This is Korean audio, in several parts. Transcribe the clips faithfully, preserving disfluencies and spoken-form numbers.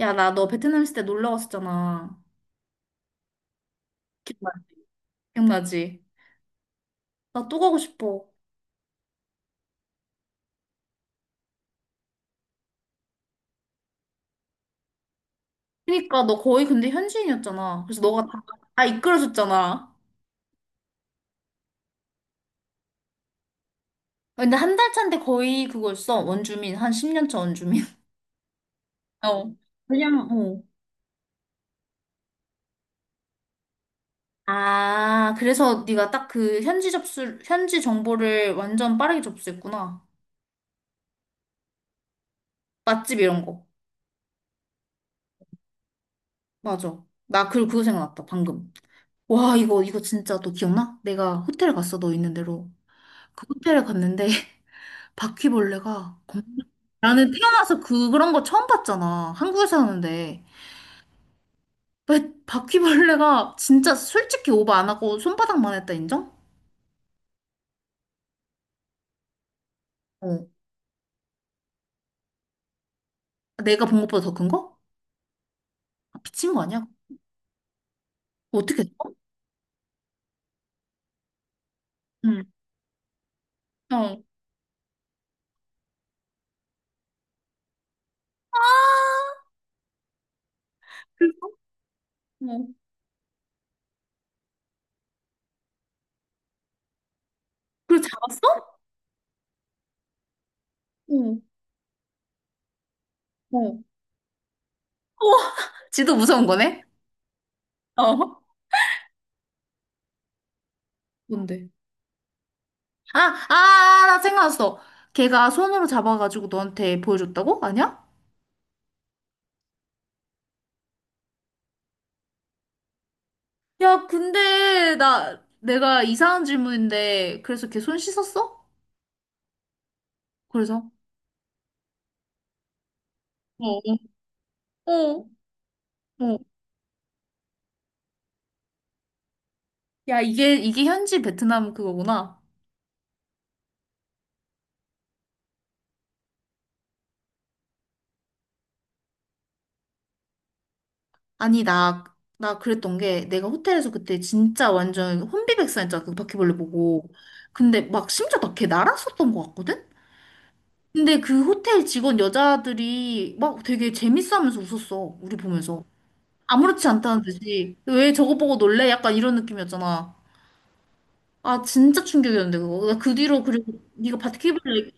야, 나 너 베트남 있을 때 놀러 갔었잖아. 기억나지? 기억나지? 나 또 가고 싶어. 그러니까 너 거의 근데 현지인이었잖아. 그래서 너가 다, 다 이끌어줬잖아. 근데 한 달 차인데 거의 그거였어. 원주민. 한 십 년 차 원주민. 어. 그냥, 어. 아, 그래서 네가 딱 그 현지 접수, 현지 정보를 완전 빠르게 접수했구나. 맛집 이런 거. 맞아. 나 그리고 그거 생각났다, 방금. 와, 이거, 이거 진짜 너 기억나? 내가 호텔 갔어, 너 있는 대로. 그 호텔에 갔는데 바퀴벌레가 겁나- 나는 태어나서 그, 그런 거 처음 봤잖아. 한국에서 하는데. 왜 바퀴벌레가 진짜 솔직히 오버 안 하고 손바닥만 했다 인정? 어. 내가 본 것보다 더 큰 거? 아, 미친 거 아니야? 어떻게 했어? 응. 어. 아, 그래서? 어. 그걸 잡았어? 어. 어. 우와, 지도 무서운 거네? 어. 뭔데? 아, 아, 아, 나 생각났어. 걔가 손으로 잡아가지고 너한테 보여줬다고? 아니야? 야, 근데 나 내가 이상한 질문인데 그래서 걔 손 씻었어? 그래서 어, 어, 어. 야, 이게 이게 현지 베트남 그거구나. 아니, 나 나 그랬던 게 내가 호텔에서 그때 진짜 완전 혼비백산했잖아. 그 바퀴벌레 보고. 근데 막 심지어 나 걔 날았었던 것 같거든? 근데 그 호텔 직원 여자들이 막 되게 재밌어 하면서 웃었어. 우리 보면서. 아무렇지 않다는 듯이. 왜 저거 보고 놀래? 약간 이런 느낌이었잖아. 아 진짜 충격이었는데 그거 나 그 뒤로 그리고 네가 바퀴벌레 얘기-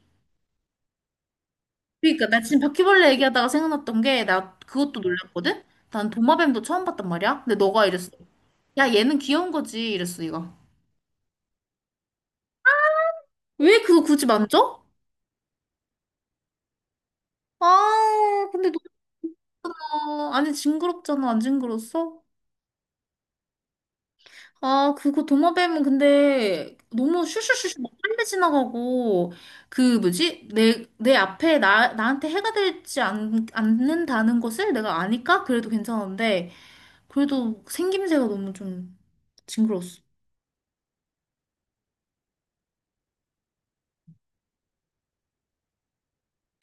그러니까 나 지금 바퀴벌레 얘기하다가 생각났던 게 나 그것도 놀랐거든. 난 도마뱀도 처음 봤단 말이야. 근데 너가 이랬어. 야 얘는 귀여운 거지 이랬어 얘가. 왜 그거 굳이 만져? 아 근데 너 아니 징그럽잖아, 안 징그러웠어? 아 그거 도마뱀은 근데 너무 슈슈슈슈 막 빨리 지나가고 그 뭐지 내 내 앞에 나 나한테 해가 되지 않, 않는다는 것을 내가 아니까 그래도 괜찮은데 그래도 생김새가 너무 좀 징그러웠어.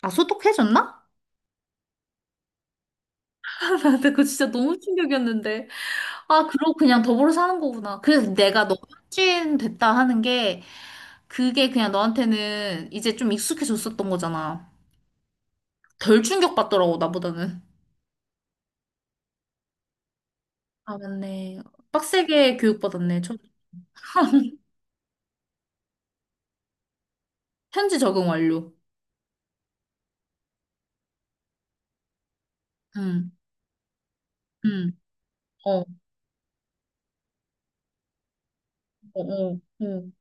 아, 소독해졌나. 근데 그거 진짜 너무 충격이었는데. 아, 그러고 그냥 더불어 사는 거구나. 그래서 내가 너무 찐됐다 하는 게, 그게 그냥 너한테는 이제 좀 익숙해졌었던 거잖아. 덜 충격받더라고, 나보다는. 아, 맞네. 빡세게 교육받았네. 저, 현지 적응 완료. 응, 응, 어, 어, 어, 어. 어,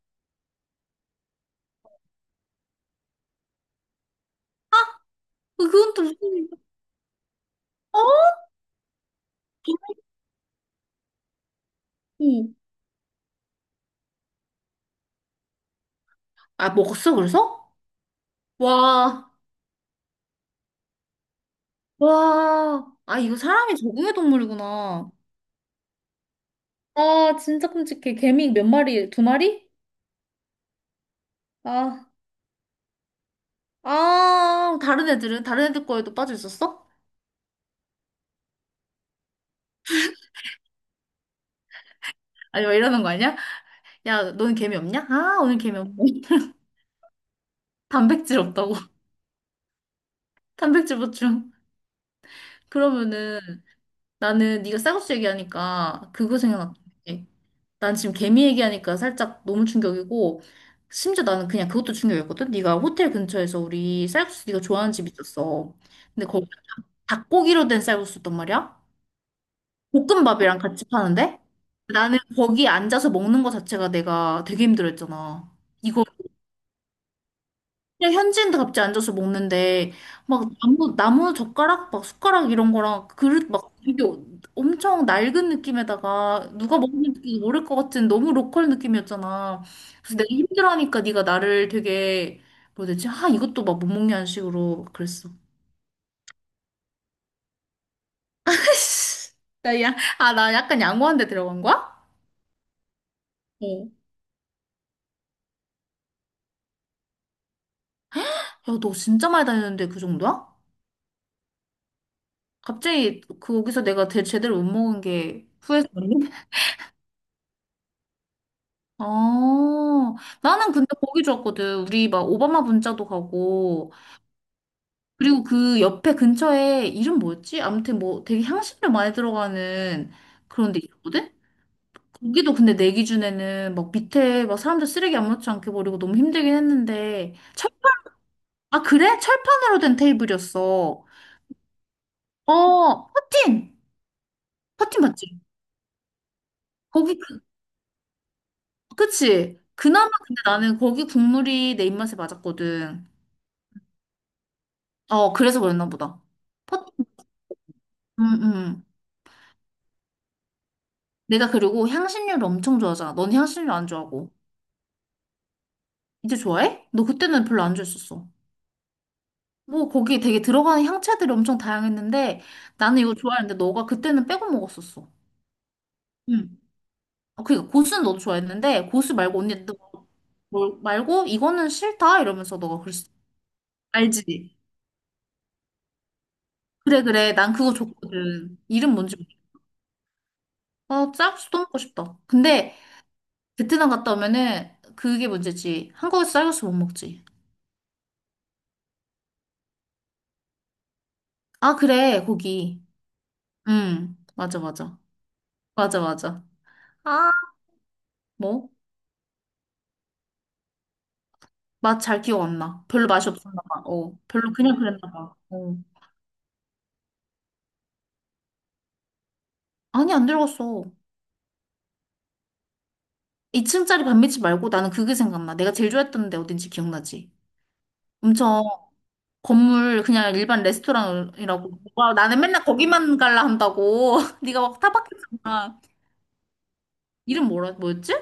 그건 또 무슨 일이야? 어? 어. 아, 먹었어, 그래서? 와. 와, 아, 이거 사람이 적응의 동물이구나. 아, 진짜 끔찍해. 개미 몇 마리? 두 마리? 아, 아, 다른 애들은? 다른 애들 거에도 빠져 있었어? 아니, 막 이러는 거 아니야? 야, 너는 개미 없냐? 아, 오늘 개미 없네. 단백질 없다고. 단백질 보충. 그러면은 나는 네가 쌀국수 얘기하니까 그거 생각났던 게. 난 지금 개미 얘기하니까 살짝 너무 충격이고 심지어 나는 그냥 그것도 충격이었거든. 네가 호텔 근처에서 우리 쌀국수 네가 좋아하는 집 있었어. 근데 닭고기로 된 쌀국수였단 말이야? 볶음밥이랑 같이 파는데? 나는 거기 앉아서 먹는 거 자체가 내가 되게 힘들었잖아. 이거 그냥 현지인들 갑자기 앉아서 먹는데 막 나무 나무 젓가락 막 숟가락 이런 거랑 그릇 막 이게 엄청 낡은 느낌에다가 누가 먹는지 모를 것 같은 너무 로컬 느낌이었잖아. 그래서 내가 힘들어하니까 네가 나를 되게 뭐 되지? 아 이것도 막 못 먹냐는 식으로 그랬어. 나 야, 아, 나 약간 양호한 데 들어간 거야? 어. 야, 너 진짜 많이 다녔는데 그 정도야? 갑자기 그- 거기서 내가 대, 제대로 못 먹은 게 후회스럽네? 아, 나는 근데 거기 좋았거든. 우리 막 오바마 분짜도 가고, 그리고 그 옆에 근처에 이름 뭐였지? 아무튼 뭐 되게 향신료 많이 들어가는 그런 데 있었거든? 거기도 근데 내 기준에는 막 밑에 막 사람들 쓰레기 아무렇지 않게 버리고 너무 힘들긴 했는데, 철, 아, 그래? 철판으로 된 테이블이었어. 어, 퍼틴! 퍼틴 맞지? 거기 그 그치? 그나마 근데 나는 거기 국물이 내 입맛에 맞았거든. 어, 그래서 그랬나 보다. 퍼, 음, 음. 내가 그리고 향신료를 엄청 좋아하잖아. 넌 향신료 안 좋아하고. 이제 좋아해? 너 그때는 별로 안 좋아했었어. 뭐, 거기 되게 들어가는 향채들이 엄청 다양했는데, 나는 이거 좋아했는데, 너가 그때는 빼고 먹었었어. 응. 어, 그니까, 고수는 너도 좋아했는데, 고수 말고, 언니, 너, 뭘 말고, 이거는 싫다? 이러면서 너가 그랬어. 알지? 그래, 그래. 난 그거 좋거든. 이름 뭔지. 아, 쌀국수도 먹고 싶다. 근데 베트남 갔다 오면은 그게 문제지. 한국에서 쌀국수 못 먹지. 아, 그래, 거기. 응, 맞아, 맞아. 맞아, 맞아. 아, 뭐? 맛 잘 기억 안 나. 별로 맛이 없었나 봐. 어, 별로 그냥 그랬나 봐. 어. 아니, 안 들어갔어. 이 층짜리 반미집 말고 나는 그게 생각나. 내가 제일 좋아했던 데 어딘지 기억나지? 엄청 건물 그냥 일반 레스토랑이라고. 와, 나는 맨날 거기만 갈라 한다고. 네가 막 타박했잖아. 이름 뭐라, 뭐였지?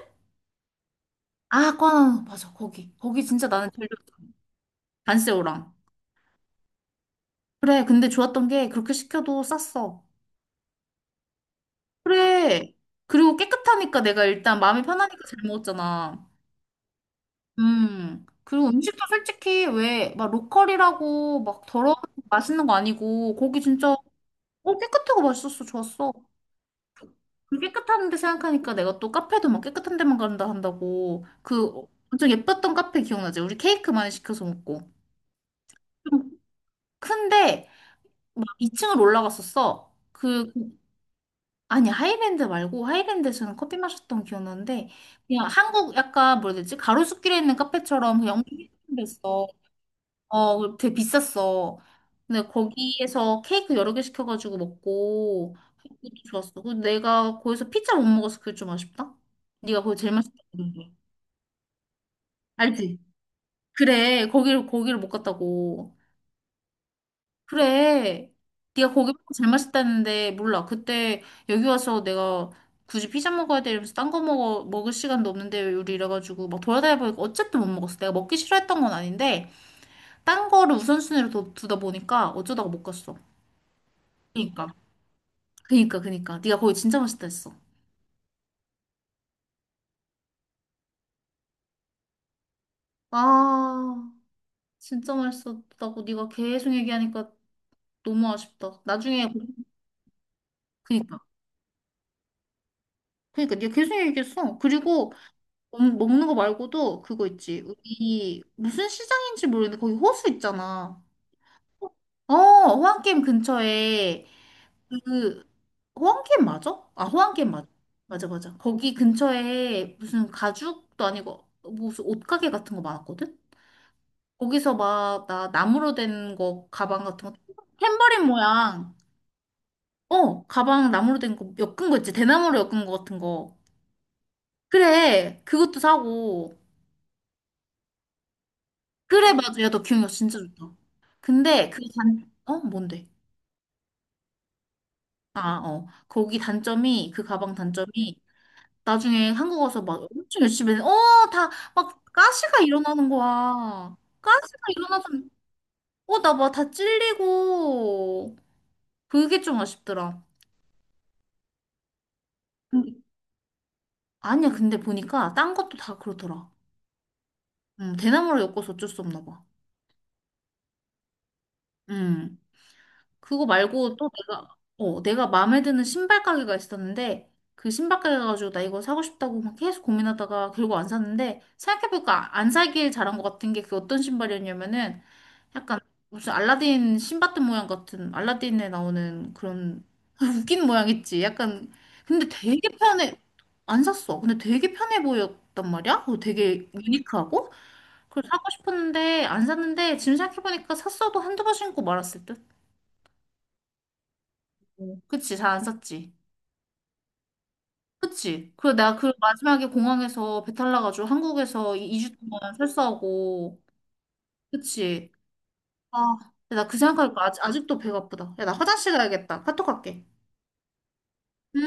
아, 꽈나 맞아. 거기. 거기 진짜 나는 제일 좋았어. 단새우랑. 그래. 근데 좋았던 게 그렇게 시켜도 쌌어. 그래. 그리고 깨끗하니까 내가 일단 마음이 편하니까 잘 먹었잖아. 음. 그리고 음식도 솔직히 왜 막 로컬이라고 막 더러운 맛있는 거 아니고 거기 진짜 어 깨끗하고 맛있었어. 좋았어. 그 깨끗한데 생각하니까 내가 또 카페도 막 깨끗한 데만 간다 한다고 그 엄청 예뻤던 카페 기억나지? 우리 케이크 많이 시켜서 먹고 좀 큰데 막 이 층을 올라갔었어. 그, 아니, 하이랜드 말고, 하이랜드에서는 커피 마셨던 기억이 나는데, 그냥 한국 약간 뭐라 해야 되지? 가로수길에 있는 카페처럼 그냥 엄청 했어. 어, 되게 비쌌어. 근데 거기에서 케이크 여러 개 시켜가지고 먹고, 그것도 좋았어. 그 내가 거기서 피자 못 먹어서 그게 좀 아쉽다? 네가 거기 제일 맛있다고 그러는데. 알지? 그래, 거기를, 거기를 못 갔다고. 그래. 네가 고기 먹잘 맛있다는데 몰라. 그때 여기 와서 내가 굳이 피자 먹어야 돼 이러면서 딴 거 먹어 먹을 시간도 없는데 우리 이래가지고 막 돌아다녀 보니까 어쨌든 못 먹었어. 내가 먹기 싫어했던 건 아닌데 딴 거를 우선순위로 두- 두다 보니까 어쩌다가 못 갔어. 그니까 그니까 그니까 네가 거기 진짜 맛있다 했어. 아 진짜 맛있었다고 네가 계속 얘기하니까 너무 아쉽다. 나중에 그니까 그니까 네가 계속 얘기했어. 그리고 먹- 먹는 거 말고도 그거 있지. 우리 무슨 시장인지 모르겠는데 거기 호수 있잖아. 어, 호환게임 근처에 그 호환게임 맞아? 아, 호환게임 맞아. 맞아, 맞아. 거기 근처에 무슨 가죽도 아니고 무슨 옷가게 같은 거 많았거든? 거기서 막 나 나무로 된 거 가방 같은 거 탬버린 모양. 어 가방 나무로 된 거 엮은 거 있지 대나무로 엮은 거 같은 거 그래 그것도 사고. 그래, 맞아 야 너 기억력 진짜 좋다. 근데 그 단, 어? 뭔데? 아, 어. 거기 단점이, 그 가방 단점이, 나중에 한국 와서 막 엄청 열심히, 했는데 어, 다, 막, 가시가 일어나는 거야. 가시가 일어나서, 어, 나 막 다 찔리고, 그게 좀 아쉽더라. 음. 아니야, 근데 보니까, 딴 것도 다 그렇더라. 음, 대나무를 엮어서 어쩔 수 없나 봐. 음. 그거 말고 또 내가, 어, 내가 마음에 드는 신발 가게가 있었는데, 그 신발 가게 가가지고 나 이거 사고 싶다고 막 계속 고민하다가 결국 안 샀는데, 생각해보니까 안 사길 잘한 것 같은 게 그 어떤 신발이었냐면은, 약간 무슨 알라딘 신밧드 모양 같은, 알라딘에 나오는 그런, 웃긴 모양 있지. 약간, 근데 되게 편해. 안 샀어. 근데 되게 편해 보였단 말이야? 그리고 되게 유니크하고? 그걸 사고 싶었는데, 안 샀는데, 지금 생각해보니까 샀어도 한두 번 신고 말았을 듯? 어, 그치, 잘 안 썼지. 그치. 그리고 내가 그 마지막에 공항에서 배탈 나가지고 한국에서 이 주 동안 설사하고. 그치. 아, 나 그 생각하니까 아직, 아직도 배가 아프다. 야, 나 화장실 가야겠다. 카톡 할게. 응?